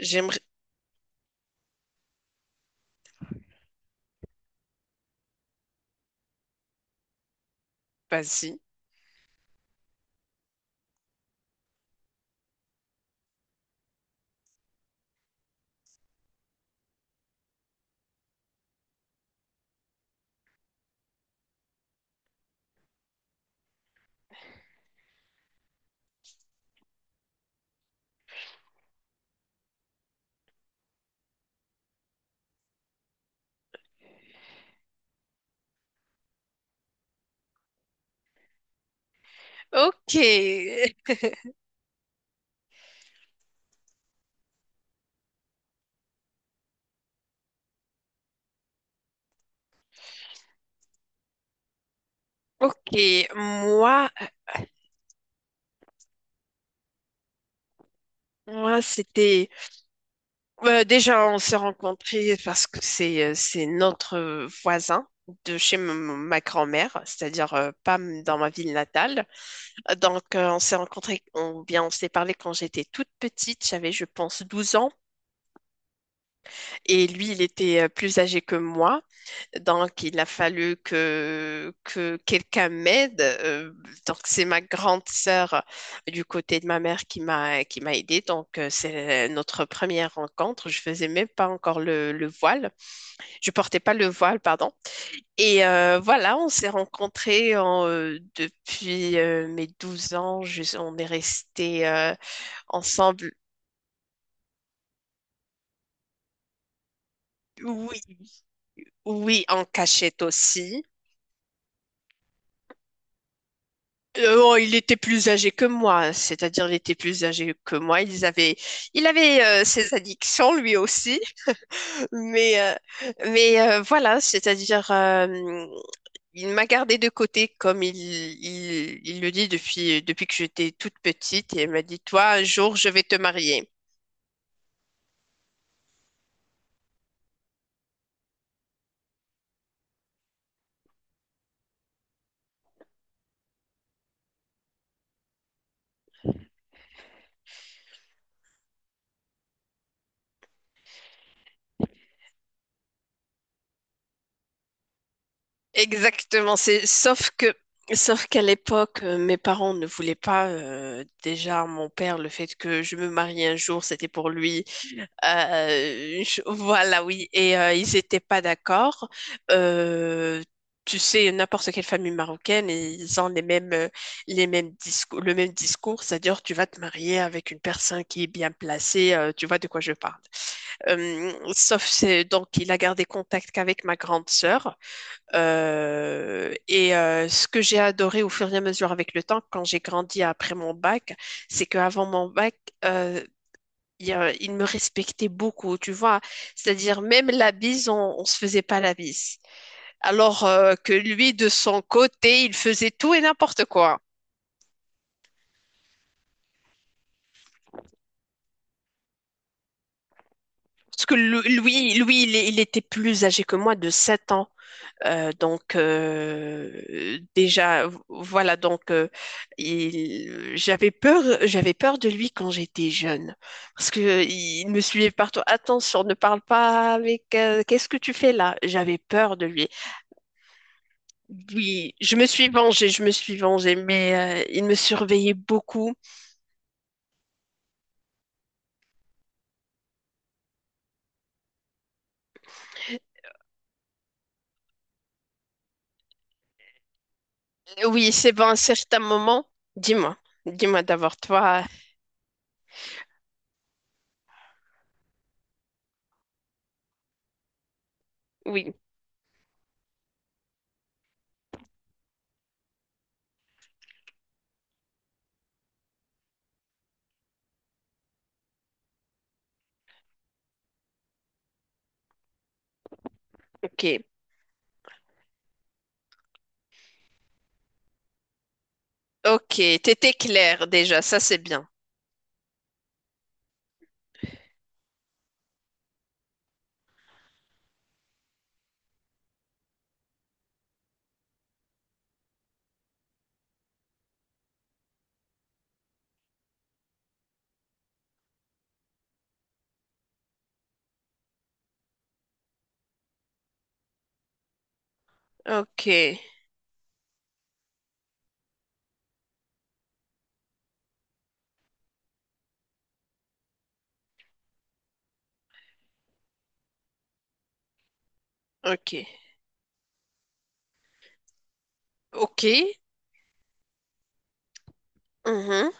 J'aimerais. Vas-y. Ok. Ok. Moi, moi, c'était. Déjà, on s'est rencontrés parce que c'est notre voisin de chez ma grand-mère, c'est-à-dire pas dans ma ville natale. Donc, on s'est rencontrés, bien, on s'est parlé quand j'étais toute petite. J'avais, je pense, 12 ans. Et lui, il était plus âgé que moi. Donc, il a fallu que quelqu'un m'aide. Donc, c'est ma grande sœur du côté de ma mère qui m'a aidée. Donc, c'est notre première rencontre. Je faisais même pas encore le voile. Je portais pas le voile, pardon. Et voilà, on s'est rencontrés depuis mes 12 ans. On est restés ensemble. Oui, oui, en cachette aussi. Oh, il était plus âgé que moi, c'est-à-dire il était plus âgé que moi. Il avait ses addictions lui aussi, mais, euh, mais, voilà, c'est-à-dire il m'a gardé de côté comme il le dit depuis que j'étais toute petite et il m'a dit, toi, un jour, je vais te marier. Exactement, c'est sauf que sauf qu'à l'époque, mes parents ne voulaient pas. Déjà, mon père, le fait que je me marie un jour, c'était pour lui. Voilà, oui. Et ils n'étaient pas d'accord. Euh, Tu sais, n'importe quelle famille marocaine, ils ont le même discours, c'est-à-dire tu vas te marier avec une personne qui est bien placée, tu vois de quoi je parle. Sauf c'est donc il a gardé contact qu'avec ma grande sœur. Et ce que j'ai adoré au fur et à mesure avec le temps, quand j'ai grandi après mon bac, c'est qu'avant mon bac, euh, il me respectait beaucoup, tu vois. C'est-à-dire, même la bise, on se faisait pas la bise. Alors que lui, de son côté, il faisait tout et n'importe quoi. Parce que il était plus âgé que moi de 7 ans. Donc déjà voilà donc il- j'avais peur de lui quand j'étais jeune, parce que il me suivait partout. Attention, ne parle pas avec, qu'est-ce que tu fais là? J'avais peur de lui. Oui, je me suis vengée, je me suis vengée, mais il me surveillait beaucoup. Oui, c'est bon, à un certain moment. Dis-moi, dis-moi d'abord, toi. Oui, ok. Ok, t'étais claire déjà, ça c'est bien. Ok, ok, ok, mhm,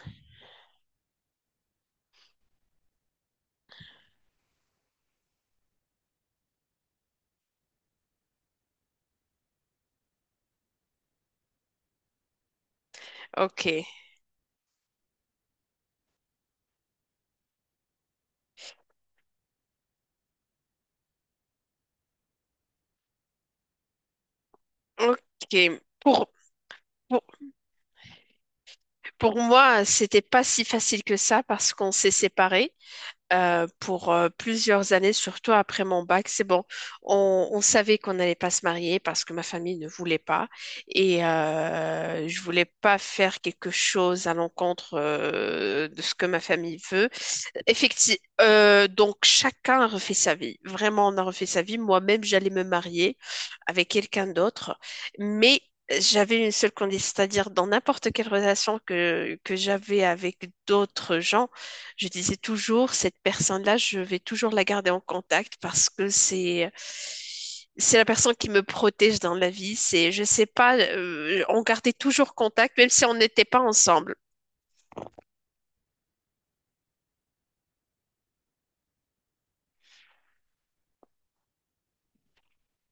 ok, ok. Pour, pour moi, c'était pas si facile que ça parce qu'on s'est séparés. Pour plusieurs années, surtout après mon bac. C'est bon, on savait qu'on n'allait pas se marier parce que ma famille ne voulait pas, et je voulais pas faire quelque chose à l'encontre de ce que ma famille veut. Effectivement, donc chacun a refait sa vie. Vraiment, on a refait sa vie. Moi-même, j'allais me marier avec quelqu'un d'autre, mais j'avais une seule condition, c'est-à-dire dans n'importe quelle relation que j'avais avec d'autres gens, je disais toujours, cette personne-là, je vais toujours la garder en contact, parce que c'est la personne qui me protège dans la vie. C'est, je sais pas, on gardait toujours contact, même si on n'était pas ensemble.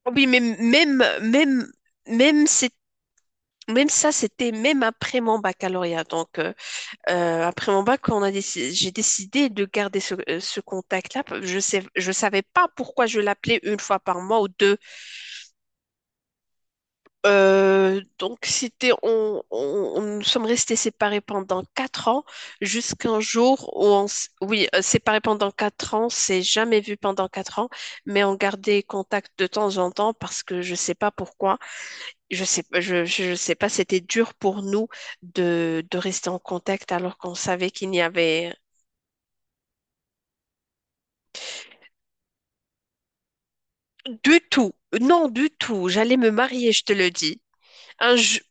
Oh oui, mais même, c'est, même ça, c'était même après mon baccalauréat. Donc, après mon bac, j'ai décidé de garder ce contact-là. Je savais pas pourquoi je l'appelais une fois par mois ou deux. Donc, c'était, nous sommes restés séparés pendant 4 ans, jusqu'un jour où oui, séparés pendant quatre ans, c'est jamais vu pendant 4 ans, mais on gardait contact de temps en temps parce que je sais pas pourquoi, je sais pas, c'était dur pour nous de rester en contact alors qu'on savait qu'il n'y avait du tout. Non, du tout, j'allais me marier, je te le dis. Un, ju-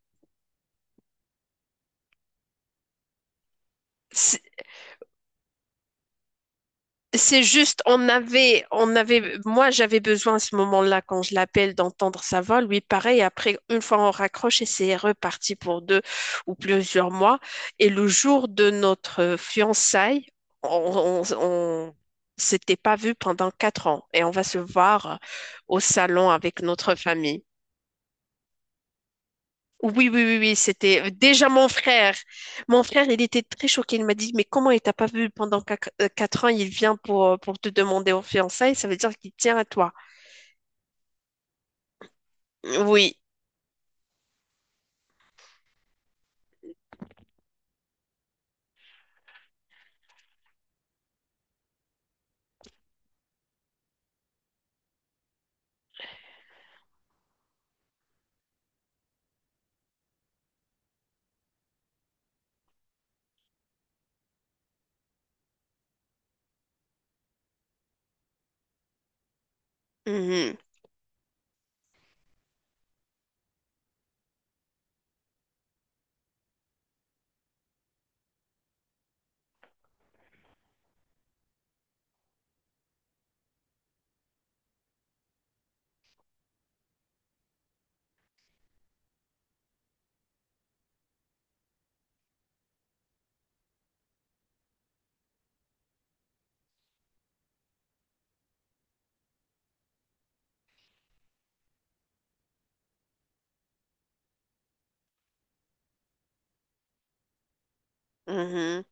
C'est juste, moi j'avais besoin à ce moment-là, quand je l'appelle, d'entendre sa voix. Lui, pareil, après, une fois on raccroche et c'est reparti pour deux ou plusieurs mois. Et le jour de notre fiançailles, on s'était pas vu pendant 4 ans et on va se voir au salon avec notre famille. Oui, oui, oui, oui, c'était déjà mon frère. Mon frère, il était très choqué. Il m'a dit, mais comment il t'a pas vu pendant 4 ans? Il vient pour te demander en fiançailles. Ça veut dire qu'il tient à toi. Oui. Mhm, mhm.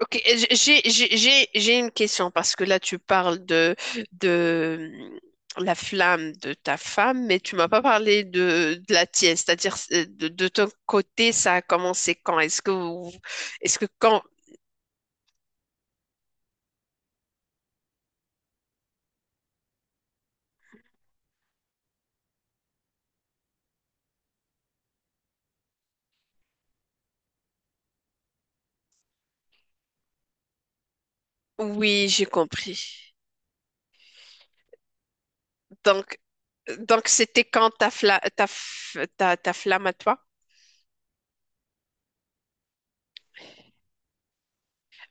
Ok, j'ai une question parce que là, tu parles de la flamme de ta femme, mais tu m'as pas parlé de la tienne. C'est-à-dire, de ton côté, ça a commencé quand? Est-ce que quand? Oui, j'ai compris. Donc, Donc, c'était quand ta, fla- ta, f- ta- ta flamme à toi?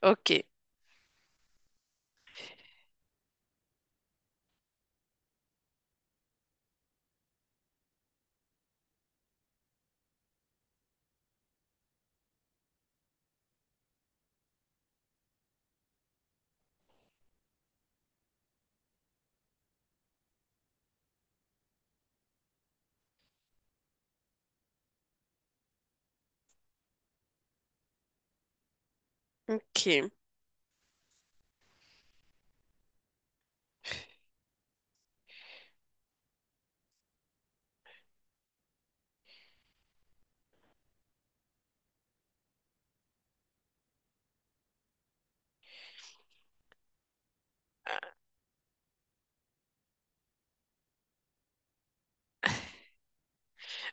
Ok, ok,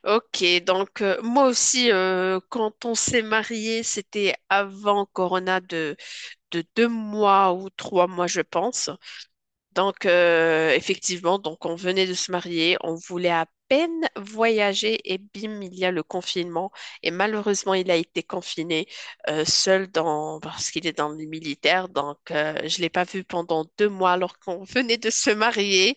ok. Donc, moi aussi, quand on s'est marié, c'était avant Corona de 2 mois ou 3 mois, je pense. Donc, effectivement, donc on venait de se marier, on voulait à peine voyager et bim, il y a le confinement. Et malheureusement, il a été confiné seul parce qu'il est dans le militaire. Donc, je ne l'ai pas vu pendant 2 mois alors qu'on venait de se marier.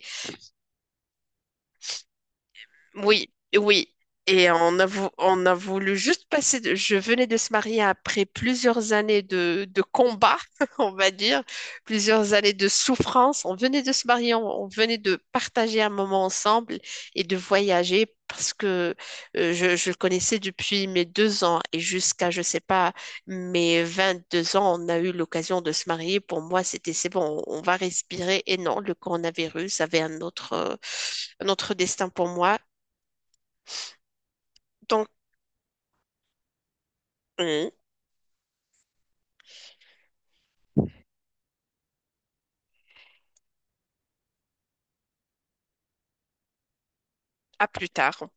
Oui, oui. Et on a voulu juste passer. Je venais de se marier après plusieurs années de combat, on va dire, plusieurs années de souffrance. On venait de se marier, on venait de partager un moment ensemble et de voyager parce que je le connaissais depuis mes 2 ans et jusqu'à, je sais pas, mes 22 ans, on a eu l'occasion de se marier. Pour moi, c'était, c'est bon, on va respirer. Et non, le coronavirus avait un autre. Notre destin pour moi. Donc, hum, à plus tard.